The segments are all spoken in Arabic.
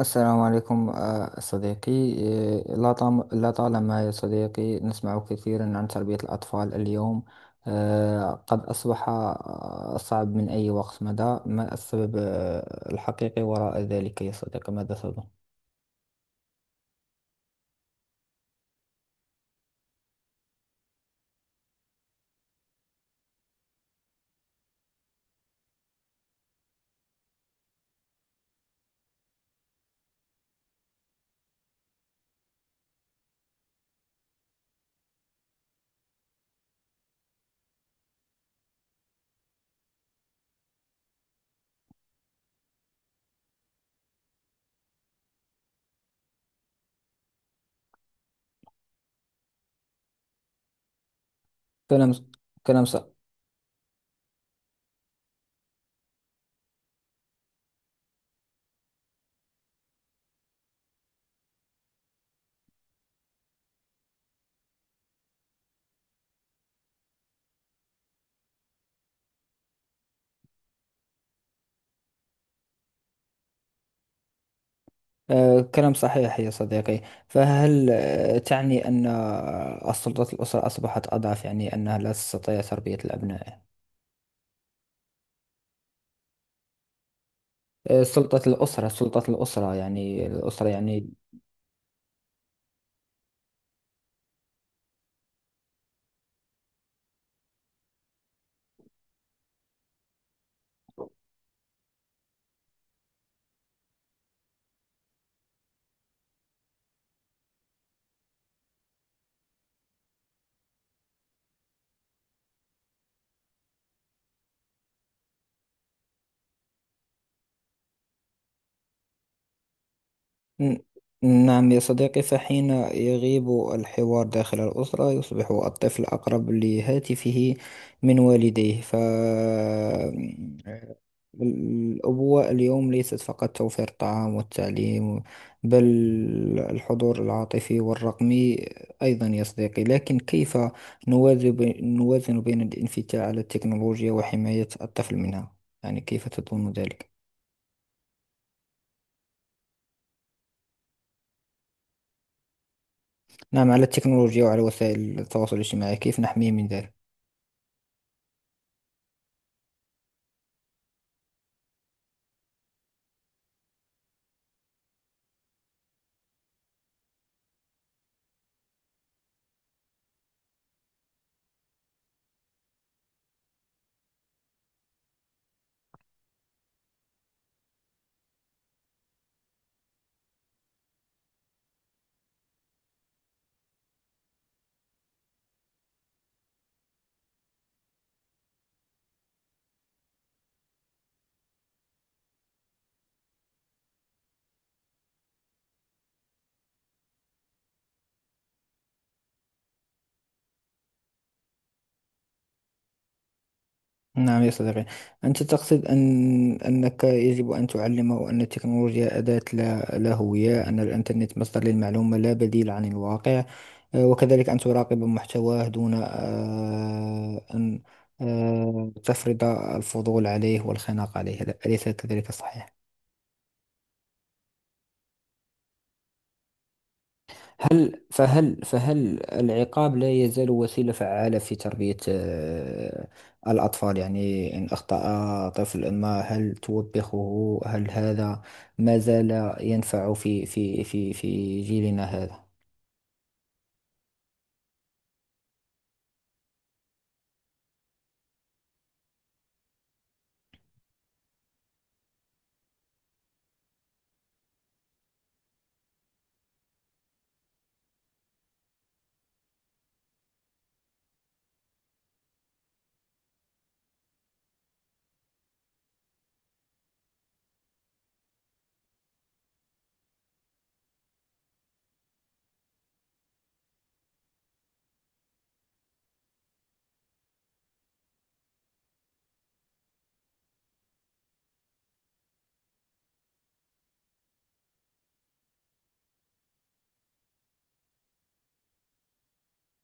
السلام عليكم، صديقي. لا طالما يا صديقي نسمع كثيرا عن تربية الأطفال اليوم. قد أصبح صعب من أي وقت مضى. ما السبب الحقيقي وراء ذلك يا صديقي؟ ماذا تظن؟ كلام كلام ص... آه، كلام صحيح يا صديقي. فهل تعني أن السلطة الأسرة أصبحت أضعف؟ يعني أنها لا تستطيع تربية الأبناء؟ سلطة الأسرة، سلطة الأسرة، يعني الأسرة، يعني ن- نعم يا صديقي. فحين يغيب الحوار داخل الأسرة يصبح الطفل أقرب لهاتفه من والديه، فالأبوة اليوم ليست فقط توفير الطعام والتعليم، بل الحضور العاطفي والرقمي أيضا، يا صديقي. لكن كيف نوازن بين الانفتاح على التكنولوجيا وحماية الطفل منها؟ يعني كيف تظن ذلك؟ نعم، على التكنولوجيا وعلى وسائل التواصل الاجتماعي، كيف نحميه من ذلك؟ نعم يا صديقي، أنت تقصد أنك يجب أن تعلمه أن التكنولوجيا أداة، لا هوية، أن الإنترنت مصدر للمعلومة لا بديل عن الواقع، وكذلك أن تراقب محتواه دون أن تفرض الفضول عليه والخناق عليه، أليس كذلك؟ صحيح؟ هل فهل فهل العقاب لا يزال وسيلة فعالة في تربية الأطفال؟ يعني إن أخطأ طفل ما، هل توبخه؟ هل هذا ما زال ينفع في جيلنا هذا؟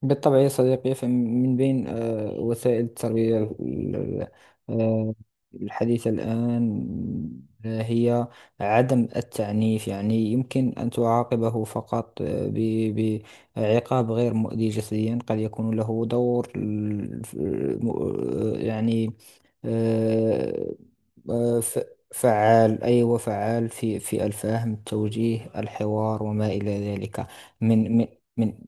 بالطبع يا صديقي. فمن بين وسائل التربية آه، الحديثة الآن هي عدم التعنيف. يعني يمكن أن تعاقبه فقط بعقاب غير مؤذي جسديا قد يكون له دور يعني آه، آه، ف- فعال. أيوة، فعال في في الفهم التوجيه، الحوار، وما إلى ذلك. من من من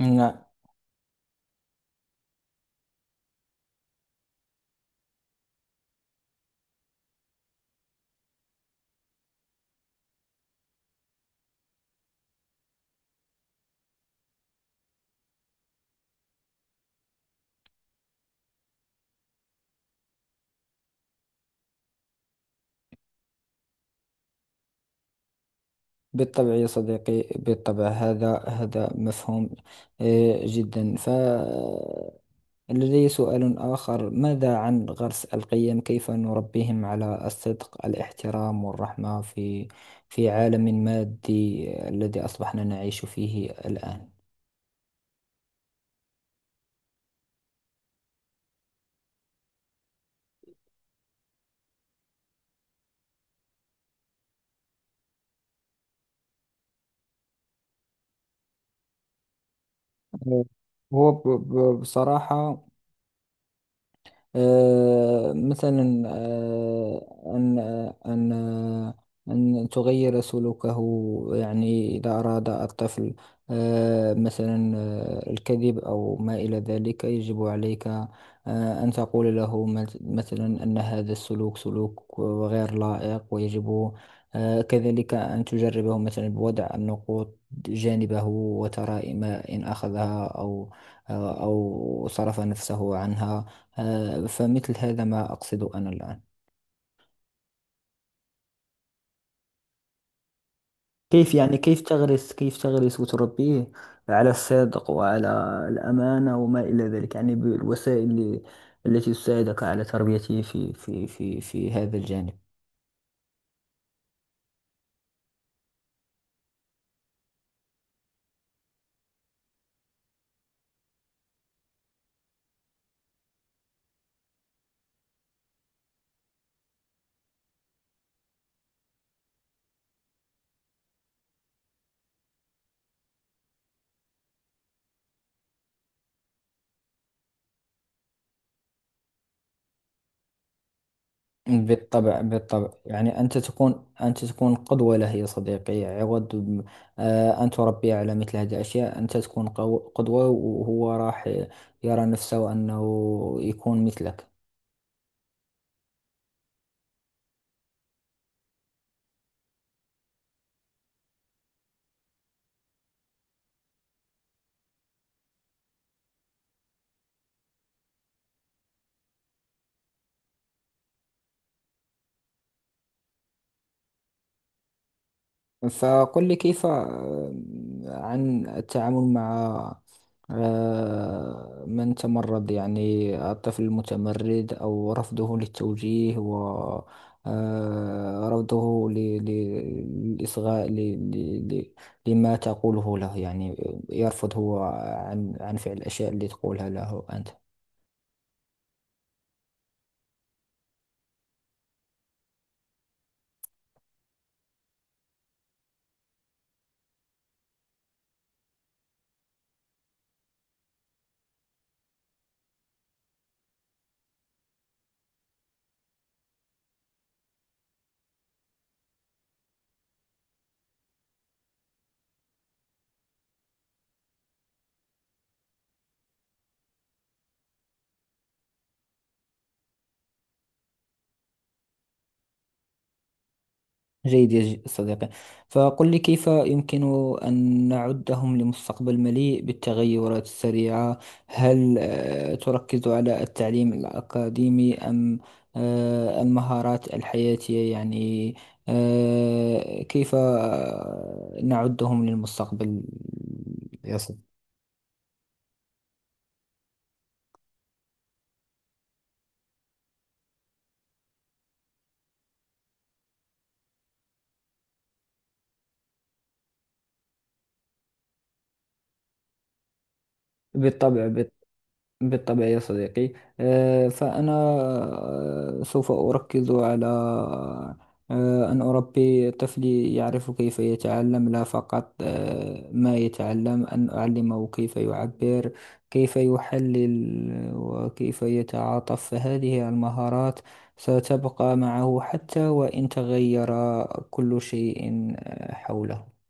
نعم. بالطبع يا صديقي، بالطبع. هذا مفهوم جدا. فلدي سؤال آخر: ماذا عن غرس القيم؟ كيف نربيهم على الصدق، الاحترام، والرحمة في عالم مادي الذي أصبحنا نعيش فيه الآن؟ هو بصراحة مثلا، أن تغير سلوكه. يعني إذا أراد الطفل مثلا الكذب أو ما إلى ذلك، يجب عليك أن تقول له مثلا أن هذا السلوك سلوك غير لائق، ويجب كذلك أن تجربه مثلا بوضع النقود جانبه وترى ما إن أخذها أو أو صرف نفسه عنها. فمثل هذا ما أقصده أنا الآن. كيف يعني؟ كيف تغرس وتربيه على الصدق وعلى الأمانة وما إلى ذلك، يعني بالوسائل التي تساعدك على تربيته في هذا الجانب. بالطبع، بالطبع، يعني أنت تكون قدوة له يا صديقي، عوض أن تربيه على مثل هذه الأشياء. أنت تكون قدوة، وهو راح يرى نفسه أنه يكون مثلك. فقل لي كيف عن التعامل مع من تمرد، يعني الطفل المتمرد أو رفضه للتوجيه، و رفضه للإصغاء، لما تقوله له، يعني يرفض هو عن فعل الأشياء اللي تقولها له أنت. جيد يا صديقي. فقل لي كيف يمكن أن نعدهم لمستقبل مليء بالتغيرات السريعة؟ هل تركز على التعليم الأكاديمي، أم المهارات الحياتية؟ يعني كيف نعدهم للمستقبل يا صديقي؟ بالطبع، بالطبع، بالطبع يا صديقي. فأنا سوف أركز على أن أربي طفلي يعرف كيف يتعلم، لا فقط ما يتعلم، أن أعلمه كيف يعبر، كيف يحلل، وكيف يتعاطف، فهذه المهارات ستبقى معه حتى وإن تغير كل شيء حوله.